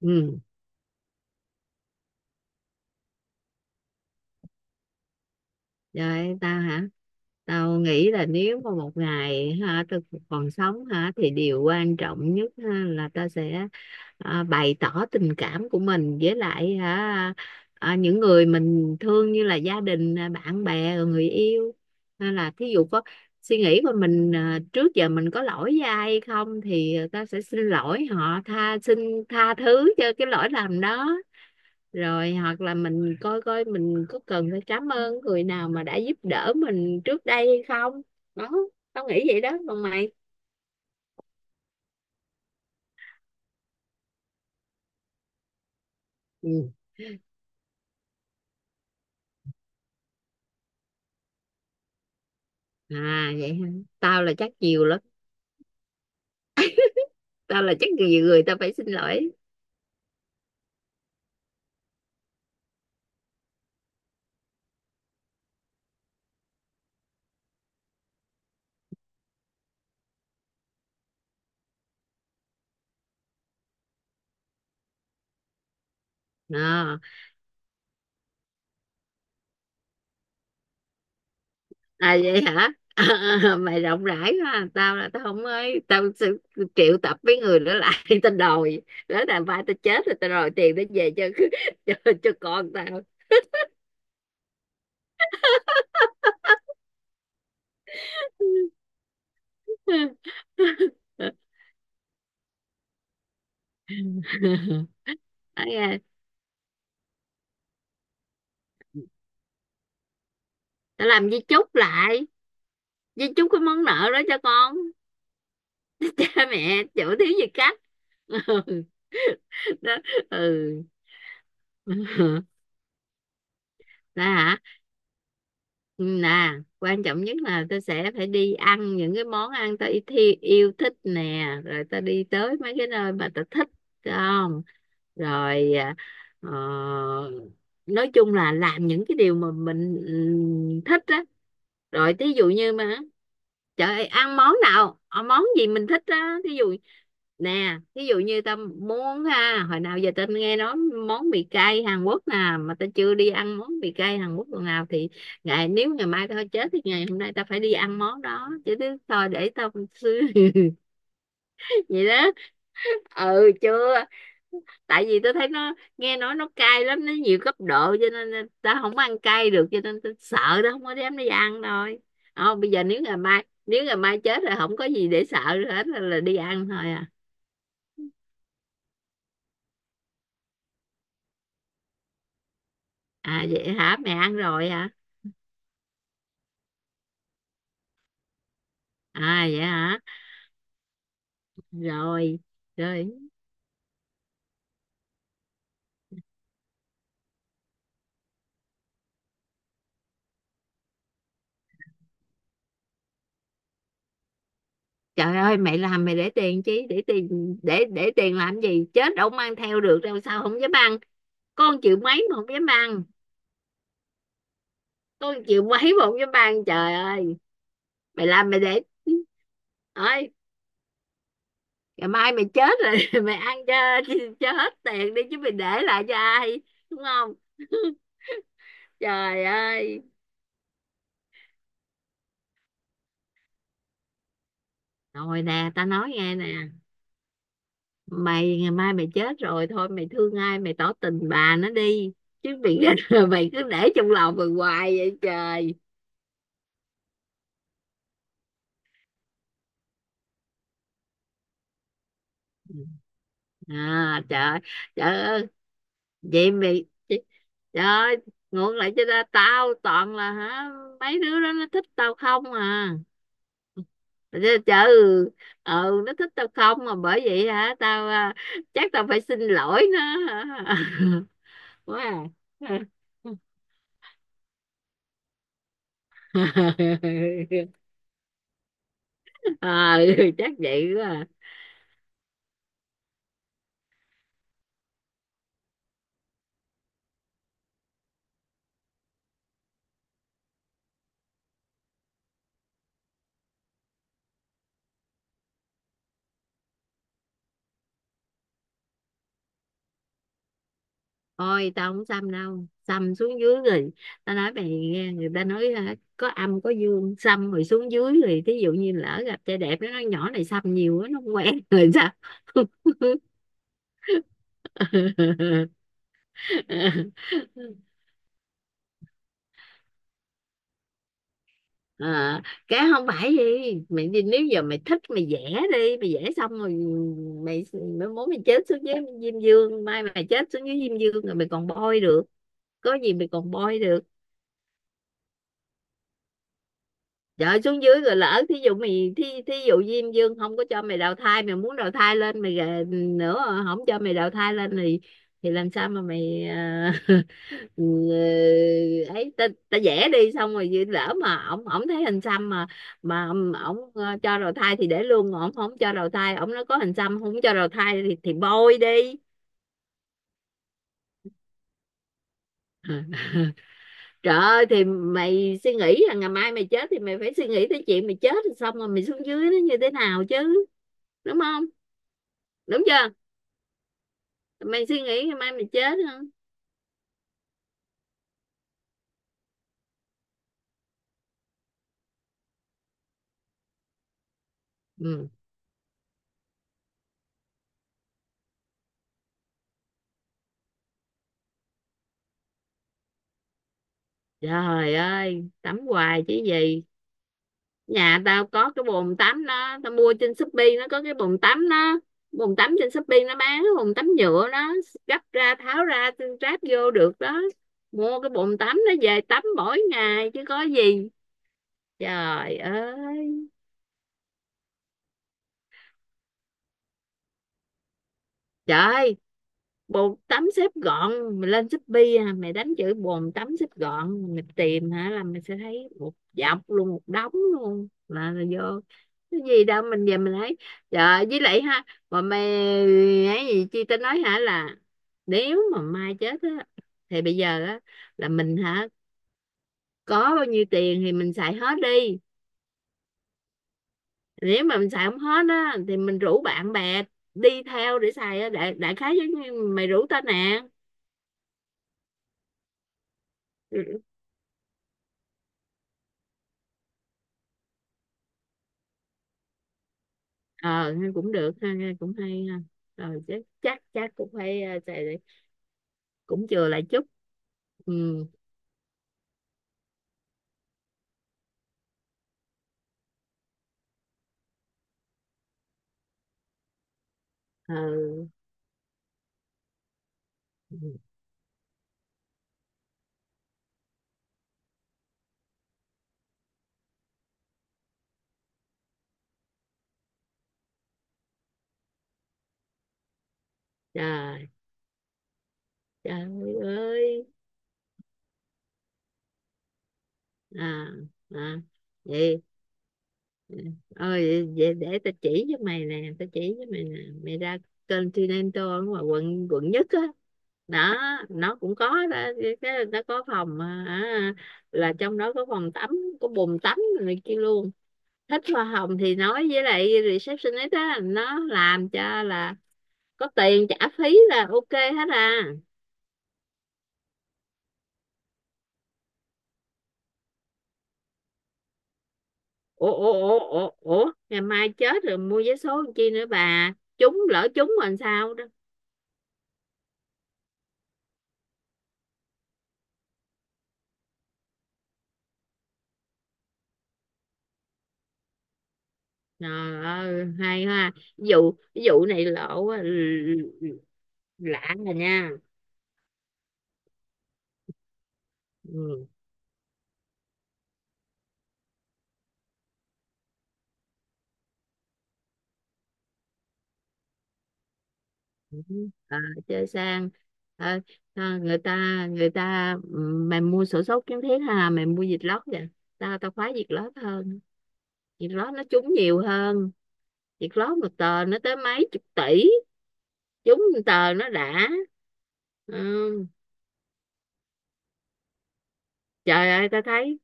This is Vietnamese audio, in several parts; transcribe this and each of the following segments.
Ừ. Rồi tao hả? Tao nghĩ là nếu mà một ngày ha tao còn sống hả thì điều quan trọng nhất ha, là tao sẽ à, bày tỏ tình cảm của mình với lại hả à, những người mình thương như là gia đình à, bạn bè rồi người yêu, hay là thí dụ có suy nghĩ của mình à, trước giờ mình có lỗi với ai hay không thì tao sẽ xin lỗi họ, tha thứ cho cái lỗi lầm đó. Rồi hoặc là mình coi coi mình có cần phải cảm ơn người nào mà đã giúp đỡ mình trước đây hay không đó. Tao nghĩ vậy đó, còn mày? Ừ. À vậy hả? Tao là chắc nhiều lắm, tao là chắc nhiều người tao phải xin lỗi. À, à vậy hả? Mày rộng rãi quá à. Tao là tao không ấy, tao sẽ triệu tập với người đó lại. Tao đòi, đó là ba tao chết rồi tao đòi tiền để về cho cho con tao. Ấy à, tao làm di chúc lại, di chúc cái món nợ đó cho con. Cha mẹ chịu thiếu gì cách. Ừ đó. Ừ. Đó hả? Ừ, nè, quan trọng nhất là tôi sẽ phải đi ăn những cái món ăn tôi yêu thích nè, rồi ta đi tới mấy cái nơi mà ta thích không. Rồi à, ờ, nói chung là làm những cái điều mà mình ừ, thích á. Rồi thí dụ như mà trời ơi, ăn món nào, ờ, món gì mình thích á, thí dụ nè, ví dụ như tao muốn ha, hồi nào giờ tao nghe nói món mì cay Hàn Quốc nè, mà tao chưa đi ăn món mì cay Hàn Quốc lần nào thì ngày mai tao chết thì ngày hôm nay tao phải đi ăn món đó chứ thứ thôi, để tao xưa. Vậy đó. Ừ chưa. Tại vì tôi thấy nó nghe nói nó cay lắm, nó nhiều cấp độ cho nên là ta không ăn cay được, cho nên tôi sợ đó, không có dám đi ăn thôi. Không, bây giờ nếu ngày mai chết là không có gì để sợ hết, là đi ăn thôi à. À vậy hả, mẹ ăn rồi hả? À vậy hả? Rồi. Rồi trời ơi mẹ làm mẹ để tiền, chứ để tiền để tiền làm gì, chết đâu mang theo được đâu, sao không dám ăn. Con chịu mấy mà không dám ăn. Con chịu mấy mà không dám ăn, trời ơi. Mày làm mày để ơi, ngày mai mày chết rồi mày ăn cho hết tiền đi, chứ mày để lại cho ai, đúng không? Trời ơi. Rồi nè, ta nói nghe nè, mày ngày mai mày chết rồi thôi, mày thương ai mày tỏ tình bà nó đi, chứ mày mày cứ để trong lòng mày hoài vậy trời. À, trời. Trời, vậy mày. Trời ơi, ngược lại cho ra tao toàn là hả mấy đứa đó nó thích tao không à. Trời trời, ừ, ờ, nó thích tao không mà bởi vậy hả, tao à, chắc tao phải xin lỗi nó hả? Quá à. Ờ, chắc vậy quá à. Ôi tao không xăm đâu. Xăm xuống dưới rồi. Tao nói mày nghe, người ta nói hả, có âm có dương. Xăm rồi xuống dưới rồi, thí dụ như lỡ gặp trai đẹp, nó nói nhỏ này xăm nhiều quá, nó không quen rồi sao. À, cái không phải gì, mày đi nếu giờ mày thích mày vẽ đi, mày vẽ xong rồi mày, mày muốn mày chết xuống dưới diêm dương, mai mày chết xuống dưới diêm dương rồi mày còn bôi được, có gì mày còn bôi được. Trời xuống dưới rồi, lỡ thí dụ mày thí dụ Diêm Dương không có cho mày đào thai, mày muốn đào thai lên mày gà- nữa, không cho mày đào thai lên thì làm sao mà mày à. Ừ, ấy ta vẽ đi xong rồi vậy, lỡ mà ổng ổng thấy hình xăm mà ổng ổng, ờ, cho đào thai thì để luôn, ổng không cho đào thai, ổng nó có hình xăm không cho đào thai thì bôi đi. Trời ơi, thì mày suy nghĩ là ngày mai mày chết thì mày phải suy nghĩ tới chuyện mày chết rồi xong rồi mày xuống dưới nó như thế nào chứ, đúng không, đúng chưa, mày suy nghĩ ngày mai mày chết không. Ừ. Trời ơi tắm hoài chứ gì, nhà tao có cái bồn tắm đó, tao mua trên Shopee, nó có cái bồn tắm đó, bồn tắm trên Shopee nó bán cái bồn tắm nhựa đó, gấp ra tháo ra ráp vô được đó, mua cái bồn tắm nó về tắm mỗi ngày chứ có gì. Trời ơi trời, bồn tắm xếp gọn, mày lên Shopee à, mày đánh chữ bồn tắm xếp gọn mày tìm hả là mày sẽ thấy một dọc luôn, một đống luôn, là vô cái gì đâu, mình về mình thấy trời. Với lại ha, mà mày, ấy gì chi tao nói hả là nếu mà mai chết á thì bây giờ á là mình hả, có bao nhiêu tiền thì mình xài hết đi. Nếu mà mình xài không hết á thì mình rủ bạn bè đi theo để xài á, đại, đại khái giống như mày rủ tao nè. Ờ nghe cũng được ha, nghe cũng hay ha. Rồi chắc chắc chắc cũng phải ờ, cũng chừa lại chút. Ừ. Ờ. Ừ, trời. Trời ơi. À. À vậy. Ơi vậy để tao chỉ cho mày nè, tao chỉ cho mày nè, mày ra Continental ở ngoài quận quận nhất á đó, nó cũng có đó, cái nó có phòng à, à, là trong đó có phòng tắm, có bồn tắm này kia luôn, thích hoa hồng thì nói với lại receptionist á, nó làm cho, là có tiền trả phí là OK hết à. Ủa ủa ủa ủa ủa, ngày mai chết rồi mua vé số làm chi nữa bà, trúng lỡ trúng rồi làm sao đó. Trời ơi hay ha. Vụ vụ này lộ á, lạ rồi nha. Ừ. Ừ. À, chơi sang. Ờ, à, người ta ừ, mày mua sổ số kiến thiết ha, mày mua vịt lót vậy, tao tao khoái vịt lót hơn. Việc lót nó trúng nhiều hơn, việc lót một tờ nó tới mấy chục tỷ, trúng một tờ nó đã. Ừ. Trời ơi tao thấy,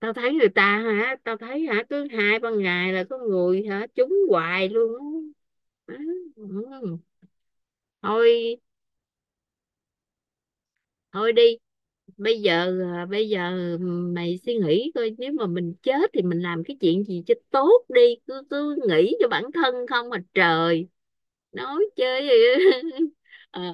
tao thấy người ta hả, tao thấy hả cứ hai ba ngày là có người hả trúng hoài luôn á. Ừ. Thôi. Thôi đi, bây giờ à, bây giờ ừ, mày suy nghĩ coi nếu mà mình chết thì mình làm cái chuyện gì cho tốt đi, cứ cứ nghĩ cho bản thân không mà trời. Nói chơi. Ờ.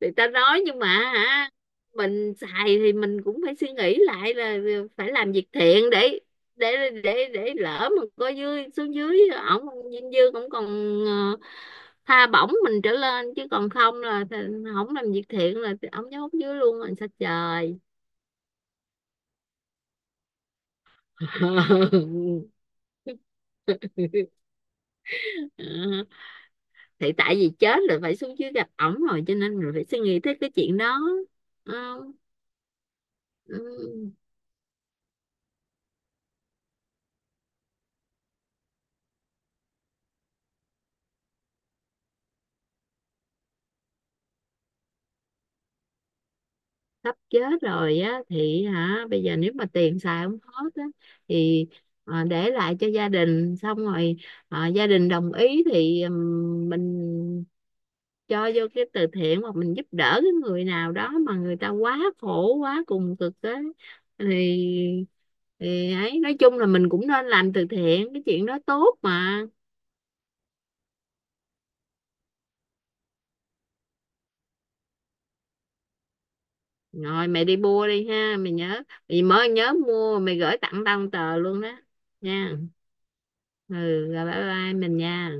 Người ta nói nhưng mà hả mình xài thì mình cũng phải suy nghĩ lại là phải làm việc thiện để để lỡ mà có dưới xuống dưới ổng dinh dư cũng còn ờ, tha bổng mình trở lên, chứ còn không là thì không làm việc thiện là thì ổng nhốt dưới luôn rồi sao trời. Ờ, thì tại vì chết rồi phải xuống dưới gặp ổng rồi cho nên mình phải suy nghĩ tới cái chuyện đó. Ừ. Ừ. Sắp chết rồi á thì hả bây giờ nếu mà tiền xài không hết á thì ờ, để lại cho gia đình, xong rồi ờ, gia đình đồng ý thì mình cho vô cái từ thiện, hoặc mình giúp đỡ cái người nào đó mà người ta quá khổ quá cùng cực á thì thì ấy nói chung là mình cũng nên làm từ thiện, cái chuyện đó tốt mà. Rồi mẹ đi mua đi ha, mày nhớ, mày mới nhớ mua, mày gửi tặng tao một tờ luôn đó nha. Ừ, rồi bye bye mình nha.